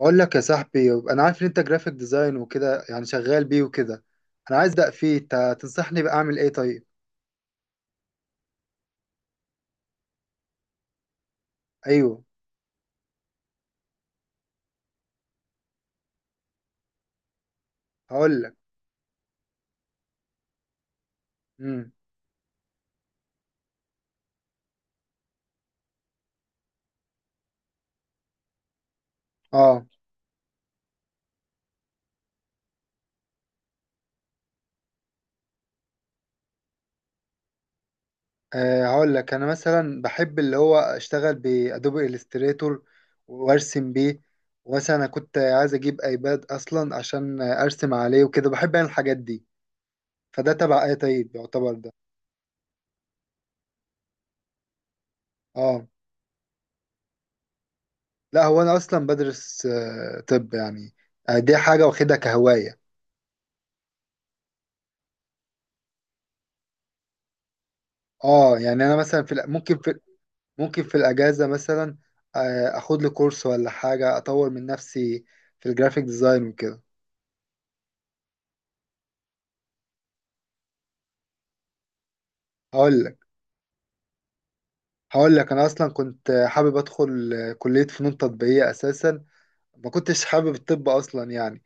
اقول لك يا صاحبي، انا عارف ان انت جرافيك ديزاين وكده، يعني شغال بيه وكده. انا عايز ابدا فيه، انت تنصحني بقى اعمل ايه؟ طيب. ايوه. هقول لك. امم. اه. آه، هقول لك انا مثلا بحب اللي هو اشتغل بادوبي الستريتور وارسم بيه. ومثلا انا كنت عايز اجيب ايباد اصلا عشان ارسم عليه وكده، بحب انا الحاجات دي. فده تبع ايه طيب، يعتبر ده؟ اه. لا، هو انا اصلا بدرس. طب يعني دي حاجه واخدها كهوايه. اه، يعني انا مثلا في ممكن في الاجازه مثلا. اخد لي كورس ولا حاجه اطور من نفسي في الجرافيك ديزاين وكده. هقول لك هقول لك. انا اصلا كنت حابب ادخل كليه فنون تطبيقيه اساسا. ما كنتش حابب الطب اصلا يعني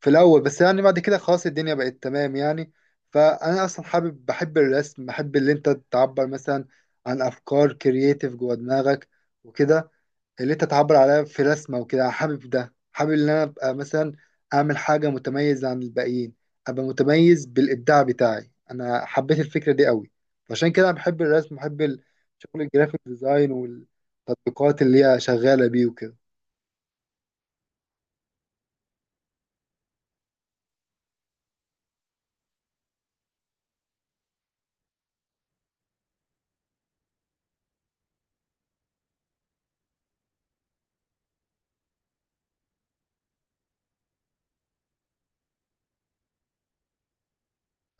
في الاول، بس يعني بعد كده خلاص الدنيا بقت تمام يعني. فانا اصلا بحب الرسم، بحب اللي انت تعبر مثلا عن افكار كرييتيف جوه دماغك وكده، اللي انت تعبر عليها في رسمة وكده. حابب ان انا ابقى مثلا اعمل حاجة متميزة عن الباقيين، ابقى متميز بالابداع بتاعي. انا حبيت الفكرة دي قوي، فعشان كده بحب الرسم، بحب الشغل الجرافيك ديزاين والتطبيقات اللي هي شغالة بيه وكده.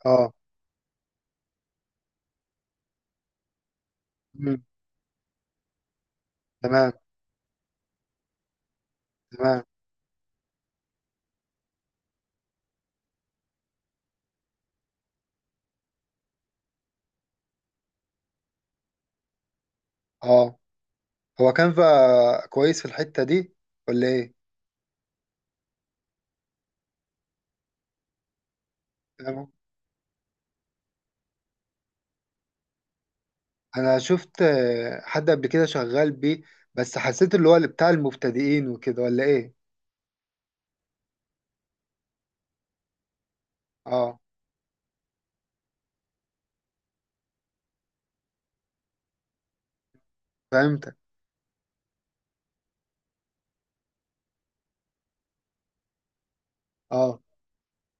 اه. مم. تمام. تمام. اه، هو كانفا كويس في الحتة دي ولا ايه؟ تمام. انا شفت حد قبل كده شغال بيه، بس حسيت اللي هو اللي بتاع المبتدئين وكده ولا ايه. اه. فهمت. اه.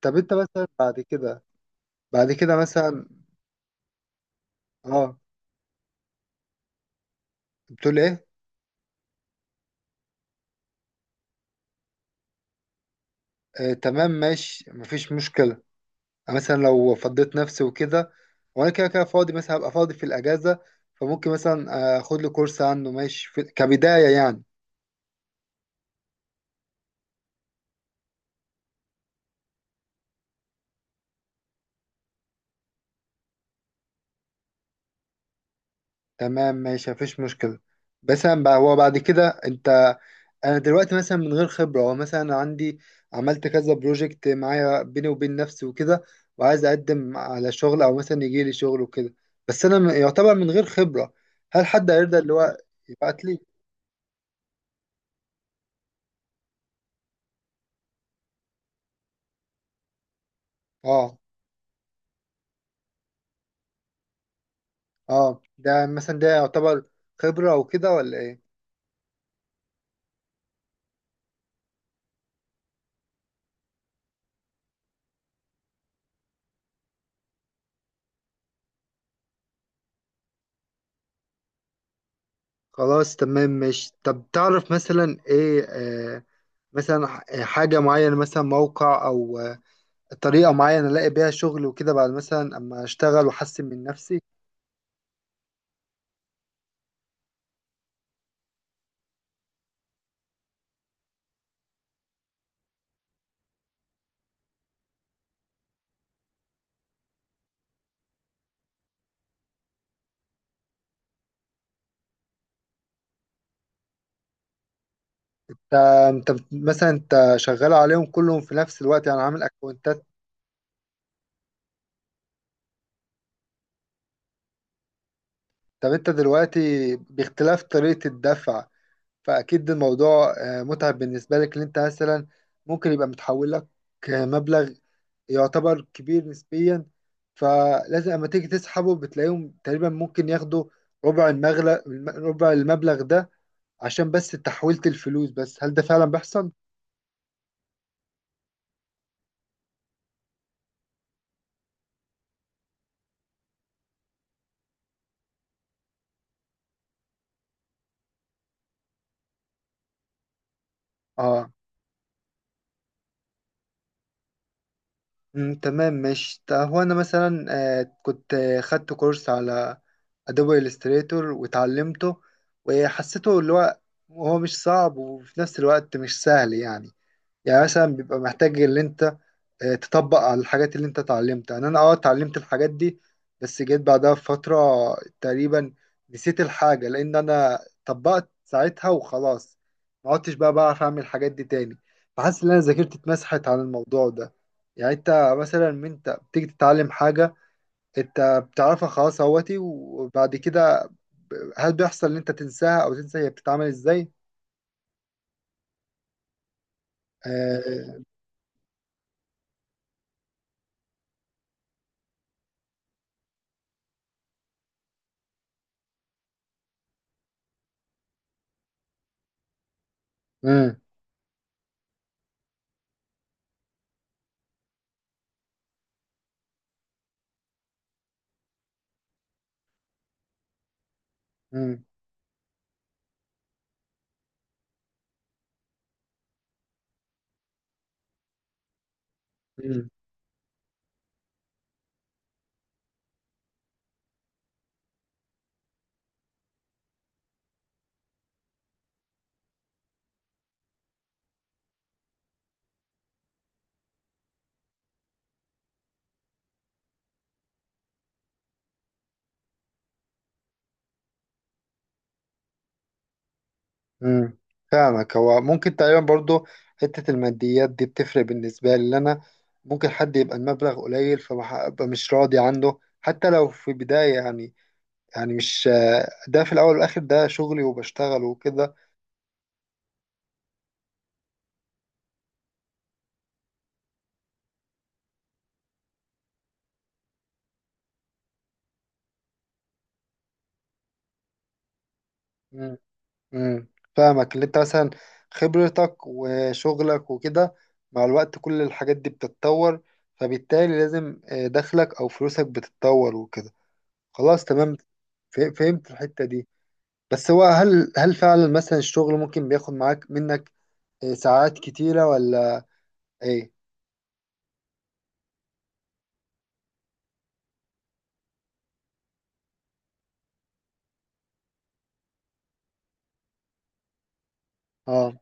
طب انت مثلا بعد كده مثلا. اه، بتقول ايه؟ آه تمام ماشي، مفيش مشكلة. أنا مثلا لو فضيت نفسي وكده، وانا كده كده فاضي، مثلا هبقى فاضي في الاجازة. فممكن مثلا اخد لي كورس عنه، ماشي، في... كبداية يعني. تمام ماشي، مفيش مشكلة. بس أنا بقى، هو بعد كده انت... انا دلوقتي مثلا من غير خبرة، هو مثلا أنا عندي عملت كذا بروجكت معايا بيني وبين نفسي وكده، وعايز اقدم على شغل او مثلا يجي لي شغل وكده. بس انا يعتبر من غير خبرة. هل حد هيرضى اللي هو يبعت لي؟ اه. اه، ده مثلا ده يعتبر خبرة او كده ولا ايه؟ خلاص تمام ماشي. طب تعرف مثلا ايه مثلا حاجة معينة، مثلا موقع او طريقة معينة ألاقي بيها شغل وكده بعد مثلا أما أشتغل وأحسن من نفسي؟ أنت مثلا أنت شغال عليهم كلهم في نفس الوقت، يعني عامل أكونتات؟ طب أنت دلوقتي باختلاف طريقة الدفع، فأكيد الموضوع متعب بالنسبة لك. إن أنت مثلا ممكن يبقى متحول لك مبلغ يعتبر كبير نسبيا. فلازم أما تيجي تسحبه بتلاقيهم تقريبا ممكن ياخدوا ربع المغلق ربع المبلغ ده، عشان بس تحويلة الفلوس. بس هل ده فعلا بيحصل؟ اه. مم، تمام ماشي. هو انا مثلا كنت خدت كورس على ادوبي الستريتور واتعلمته، وحسيته اللي هو هو مش صعب، وفي نفس الوقت مش سهل يعني. يعني مثلا بيبقى محتاج اللي انت تطبق على الحاجات اللي انت اتعلمتها. يعني انا اتعلمت الحاجات دي، بس جيت بعدها بفترة تقريبا نسيت الحاجة، لان انا طبقت ساعتها وخلاص، ما عدتش بقى بعرف اعمل الحاجات دي تاني. فحاسس ان انا ذاكرتي اتمسحت عن الموضوع ده. يعني انت مثلا من انت بتيجي تتعلم حاجة انت بتعرفها خلاص اهوتي، وبعد كده هل بيحصل ان انت تنساها او تنسى هي بتتعمل ازاي؟ آه. مم. مم. امم. فاهمك. هو ممكن تقريبا برضو حتة الماديات دي بتفرق بالنسبة لي، لأن أنا ممكن حد يبقى المبلغ قليل فببقى مش راضي عنه حتى لو في بداية يعني. يعني مش... ده في الأول والآخر ده شغلي وبشتغل وكده. امم. امم. فاهمك اللي أنت مثلا خبرتك وشغلك وكده مع الوقت كل الحاجات دي بتتطور، فبالتالي لازم دخلك أو فلوسك بتتطور وكده. خلاص تمام. فهمت الحتة دي. بس هو هل فعلا مثلا الشغل ممكن بياخد معاك منك ساعات كتيرة ولا ايه؟ اه.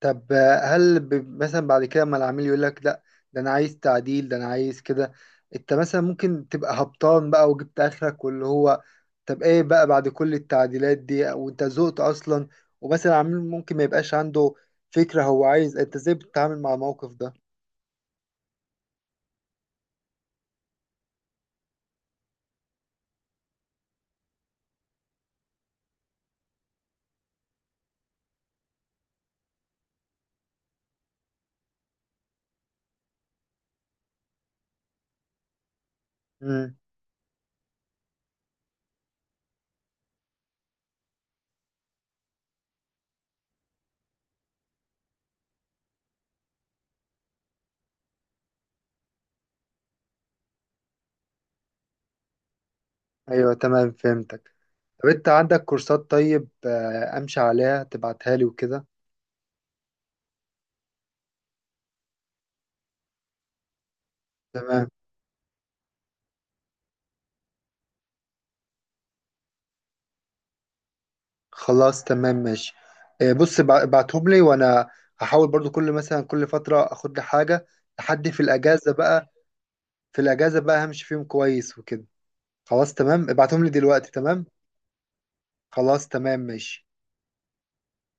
طب هل مثلا بعد كده ما العميل يقول لك لا، ده انا عايز تعديل، ده انا عايز كده، انت مثلا ممكن تبقى هبطان بقى وجبت اخرك واللي هو... طب ايه بقى بعد كل التعديلات دي وانت زهقت اصلا؟ ومثلا العميل ممكن ما يبقاش عنده فكرة هو عايز، انت ازاي بتتعامل مع الموقف ده؟ امم. ايوه تمام، فهمتك. طب انت عندك كورسات طيب امشي عليها تبعتها لي وكده؟ تمام. خلاص تمام ماشي. بص ابعتهم لي، وانا هحاول برضو كل مثلا كل فترة اخد لي حاجة، لحد في الاجازة بقى. في الاجازة بقى همشي فيهم كويس وكده. خلاص تمام، ابعتهم لي دلوقتي. تمام. خلاص تمام ماشي.